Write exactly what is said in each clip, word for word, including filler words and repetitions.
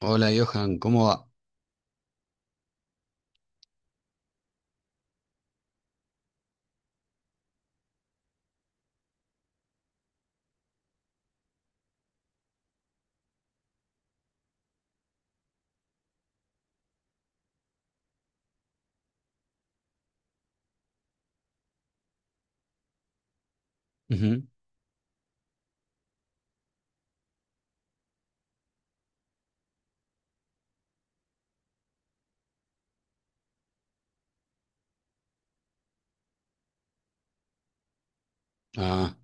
Hola Johan, ¿cómo va? Ujú. Ah,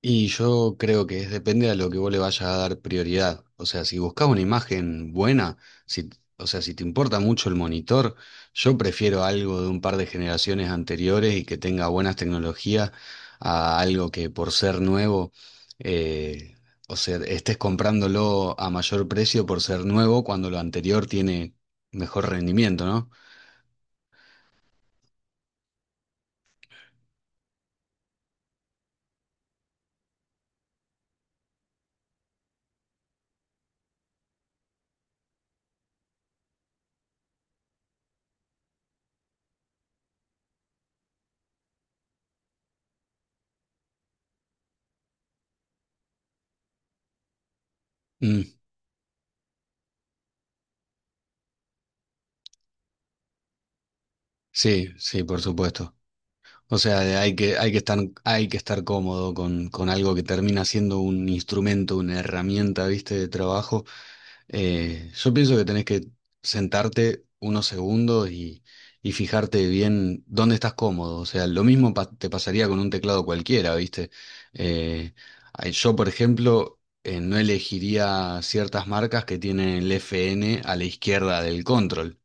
y yo creo que es depende a lo que vos le vayas a dar prioridad. O sea, si buscas una imagen buena, si, o sea, si te importa mucho el monitor, yo prefiero algo de un par de generaciones anteriores y que tenga buenas tecnologías a algo que por ser nuevo, eh, o sea, estés comprándolo a mayor precio por ser nuevo cuando lo anterior tiene mejor rendimiento, ¿no? Mm, sí, sí, por supuesto. O sea, de- hay que, hay que estar, hay que estar cómodo con, con algo que termina siendo un instrumento, una herramienta, ¿viste? De trabajo. Eh, yo pienso que tenés que sentarte unos segundos y, y fijarte bien dónde estás cómodo. O sea, lo mismo pa- te pasaría con un teclado cualquiera, ¿viste? Eh, ay, yo, por ejemplo, eh, no elegiría ciertas marcas que tienen el F N a la izquierda del control.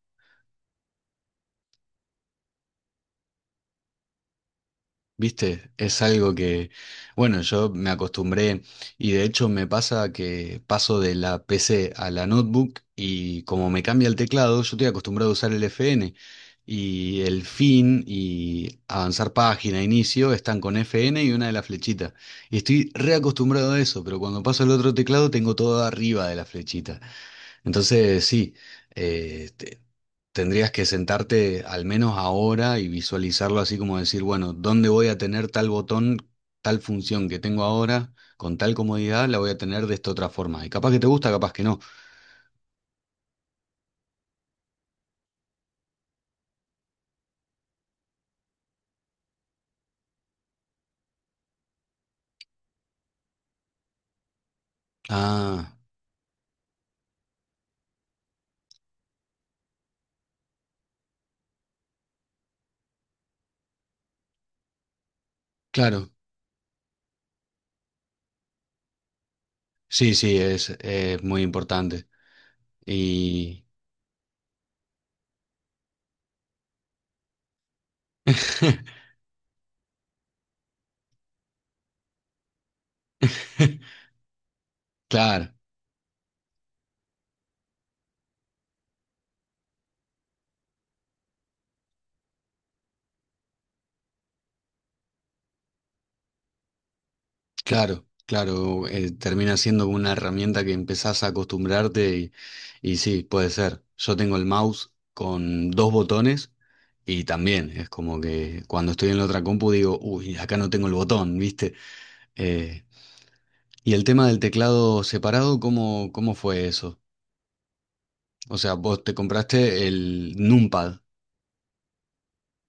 ¿Viste? Es algo que, bueno, yo me acostumbré y de hecho me pasa que paso de la P C a la notebook y como me cambia el teclado, yo estoy acostumbrado a usar el F N y el fin y avanzar página, inicio, están con F N y una de las flechitas. Y estoy reacostumbrado a eso, pero cuando paso al otro teclado tengo todo arriba de la flechita. Entonces, sí, eh, te- tendrías que sentarte al menos ahora y visualizarlo así como decir, bueno, ¿dónde voy a tener tal botón, tal función que tengo ahora, con tal comodidad, la voy a tener de esta otra forma? Y capaz que te gusta, capaz que no. Ah, claro. Sí, sí, es, es muy importante. Y... Claro. Claro, claro, eh, termina siendo una herramienta que empezás a acostumbrarte y, y sí, puede ser. Yo tengo el mouse con dos botones y también es como que cuando estoy en la otra compu digo, uy, acá no tengo el botón, ¿viste? Eh, y el tema del teclado separado, ¿cómo, cómo fue eso? O sea, vos te compraste el Numpad.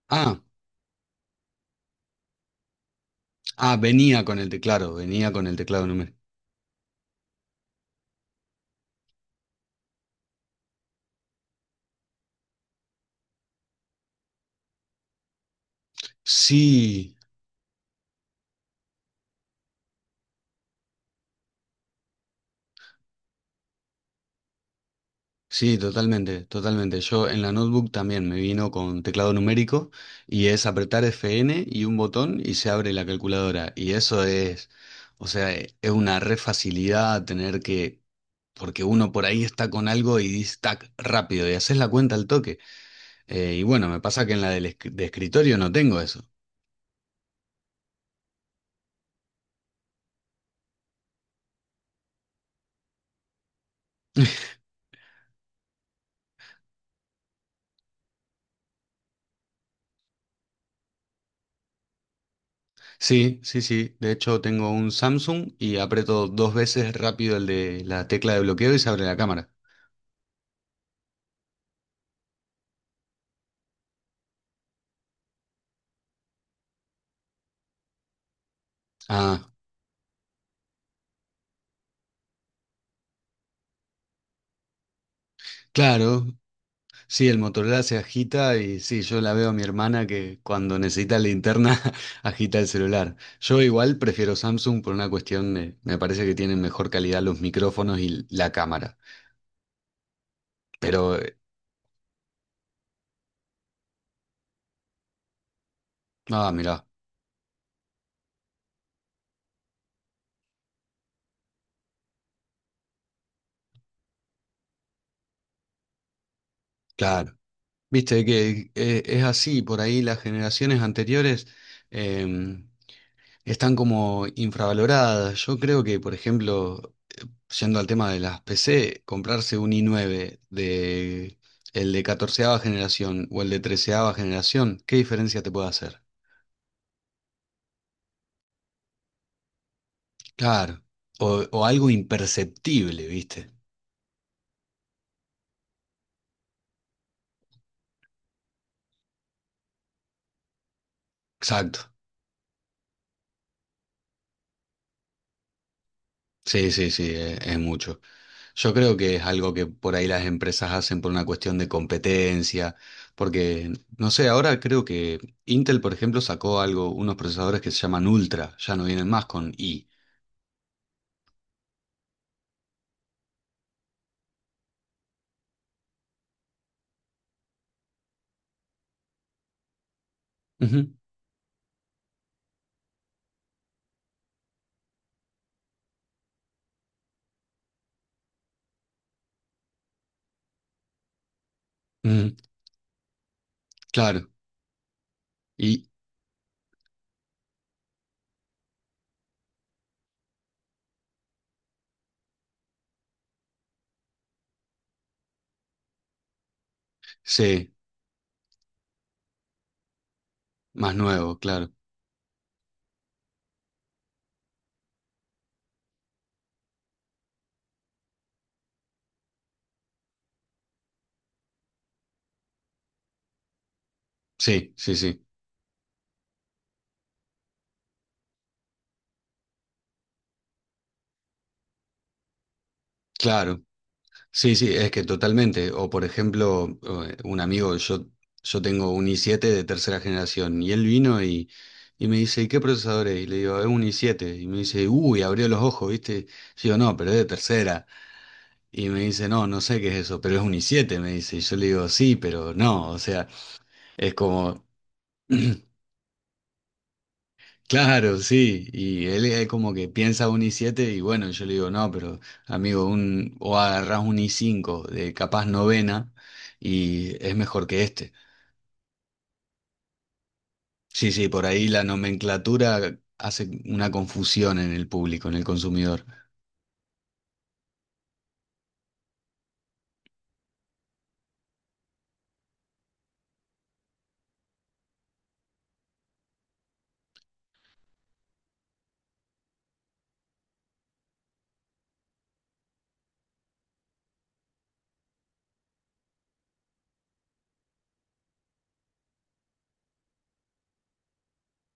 Ah, ah, venía con el teclado, venía con el teclado numérico. Sí. Sí, totalmente, totalmente. Yo en la notebook también me vino con teclado numérico y es apretar Fn y un botón y se abre la calculadora. Y eso es, o sea, e- es una re facilidad tener que, porque uno por ahí está con algo y dice tac rápido y haces la cuenta al toque. Eh, y bueno, me pasa que en la del esc- de escritorio no tengo eso. Sí, sí, sí. De hecho, tengo un Samsung y aprieto dos veces rápido el de la tecla de bloqueo y se abre la cámara. Ah, claro. Sí, el Motorola se agita y sí, yo la veo a mi hermana que cuando necesita linterna agita el celular. Yo igual prefiero Samsung por una cuestión de, me parece que tienen mejor calidad los micrófonos y la cámara. Pero, eh, ah, mirá, claro. Viste que eh, es así, por ahí las generaciones anteriores eh, están como infravaloradas. Yo creo que, por ejemplo, yendo al tema de las P C, comprarse un i nueve de el de catorceava generación o el de treceava generación, ¿qué diferencia te puede hacer? Claro. O, o algo imperceptible, ¿viste? Exacto. Sí, sí, sí, es, es mucho. Yo creo que es algo que por ahí las empresas hacen por una cuestión de competencia, porque, no sé, ahora creo que Intel, por ejemplo, sacó algo, unos procesadores que se llaman Ultra, ya no vienen más con i. Ujú, ujú, claro. Y sí, más nuevo, claro. Sí, sí, sí. Claro. Sí, sí, es que totalmente. O por ejemplo, eh, un amigo, yo, yo tengo un i siete de tercera generación y él vino y, y me dice, ¿y qué procesador es? Y le digo, es un i siete. Y me dice, uy, abrió los ojos, ¿viste? Yo digo, no, pero es de tercera. Y me dice, no, no sé qué es eso, pero es un i siete, me dice. Y yo le digo, sí, pero no. O sea, es como... Claro, sí, y él es como que piensa un i siete y bueno, yo le digo, no, pero amigo, un, o agarrás un i cinco de capaz novena y es mejor que este. Sí, sí, por ahí la nomenclatura hace una confusión en el público, en el consumidor.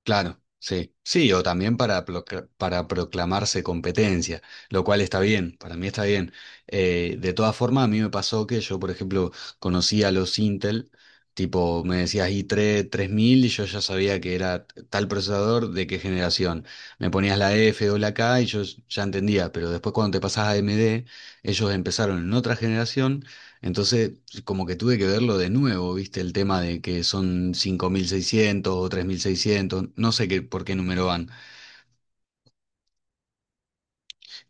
Claro, sí. Sí, o también para, procla- para proclamarse competencia, lo cual está bien, para mí está bien. Eh, de todas formas, a mí me pasó que yo, por ejemplo, conocía a los Intel, tipo, me decías i tres tres mil y yo ya sabía que era tal procesador de qué generación. Me ponías la F o la K y yo ya entendía, pero después cuando te pasás a AMD, ellos empezaron en otra generación entonces, como que tuve que verlo de nuevo, ¿viste? El tema de que son cinco mil seiscientos o tres mil seiscientos no sé qué, por qué número van.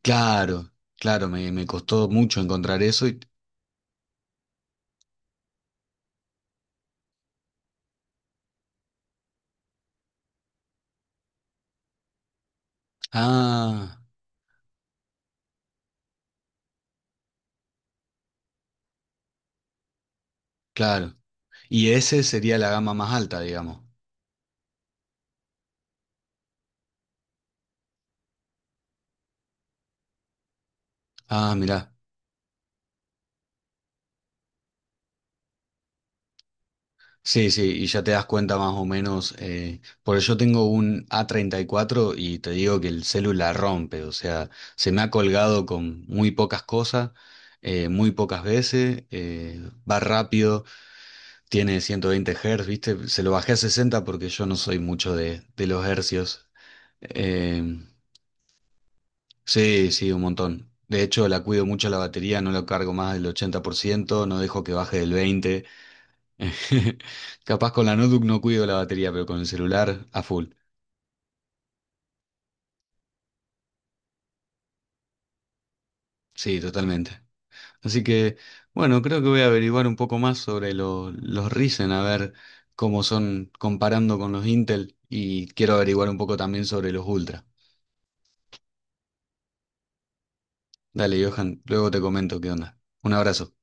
Claro, claro, me, me costó mucho encontrar eso y... Ah, claro. Y ese sería la gama más alta, digamos. Ah, mirá. Sí, sí, y ya te das cuenta más o menos. Eh, porque yo tengo un A treinta y cuatro y cuatro y te digo que el celular rompe, o sea, se me ha colgado con muy pocas cosas, eh, muy pocas veces, eh, va rápido, tiene ciento veinte hercios Hz, ¿viste? Se lo bajé a sesenta porque yo no soy mucho de, de los hercios. Eh, sí, sí, un montón. De hecho, la cuido mucho la batería, no la cargo más del ochenta por ciento, no dejo que baje del veinte por ciento. Capaz con la notebook no cuido la batería, pero con el celular a full. Sí, totalmente. Así que, bueno, creo que voy a averiguar un poco más sobre lo- los Ryzen, a ver cómo son comparando con los Intel y quiero averiguar un poco también sobre los Ultra. Dale, Johan, luego te comento qué onda. Un abrazo.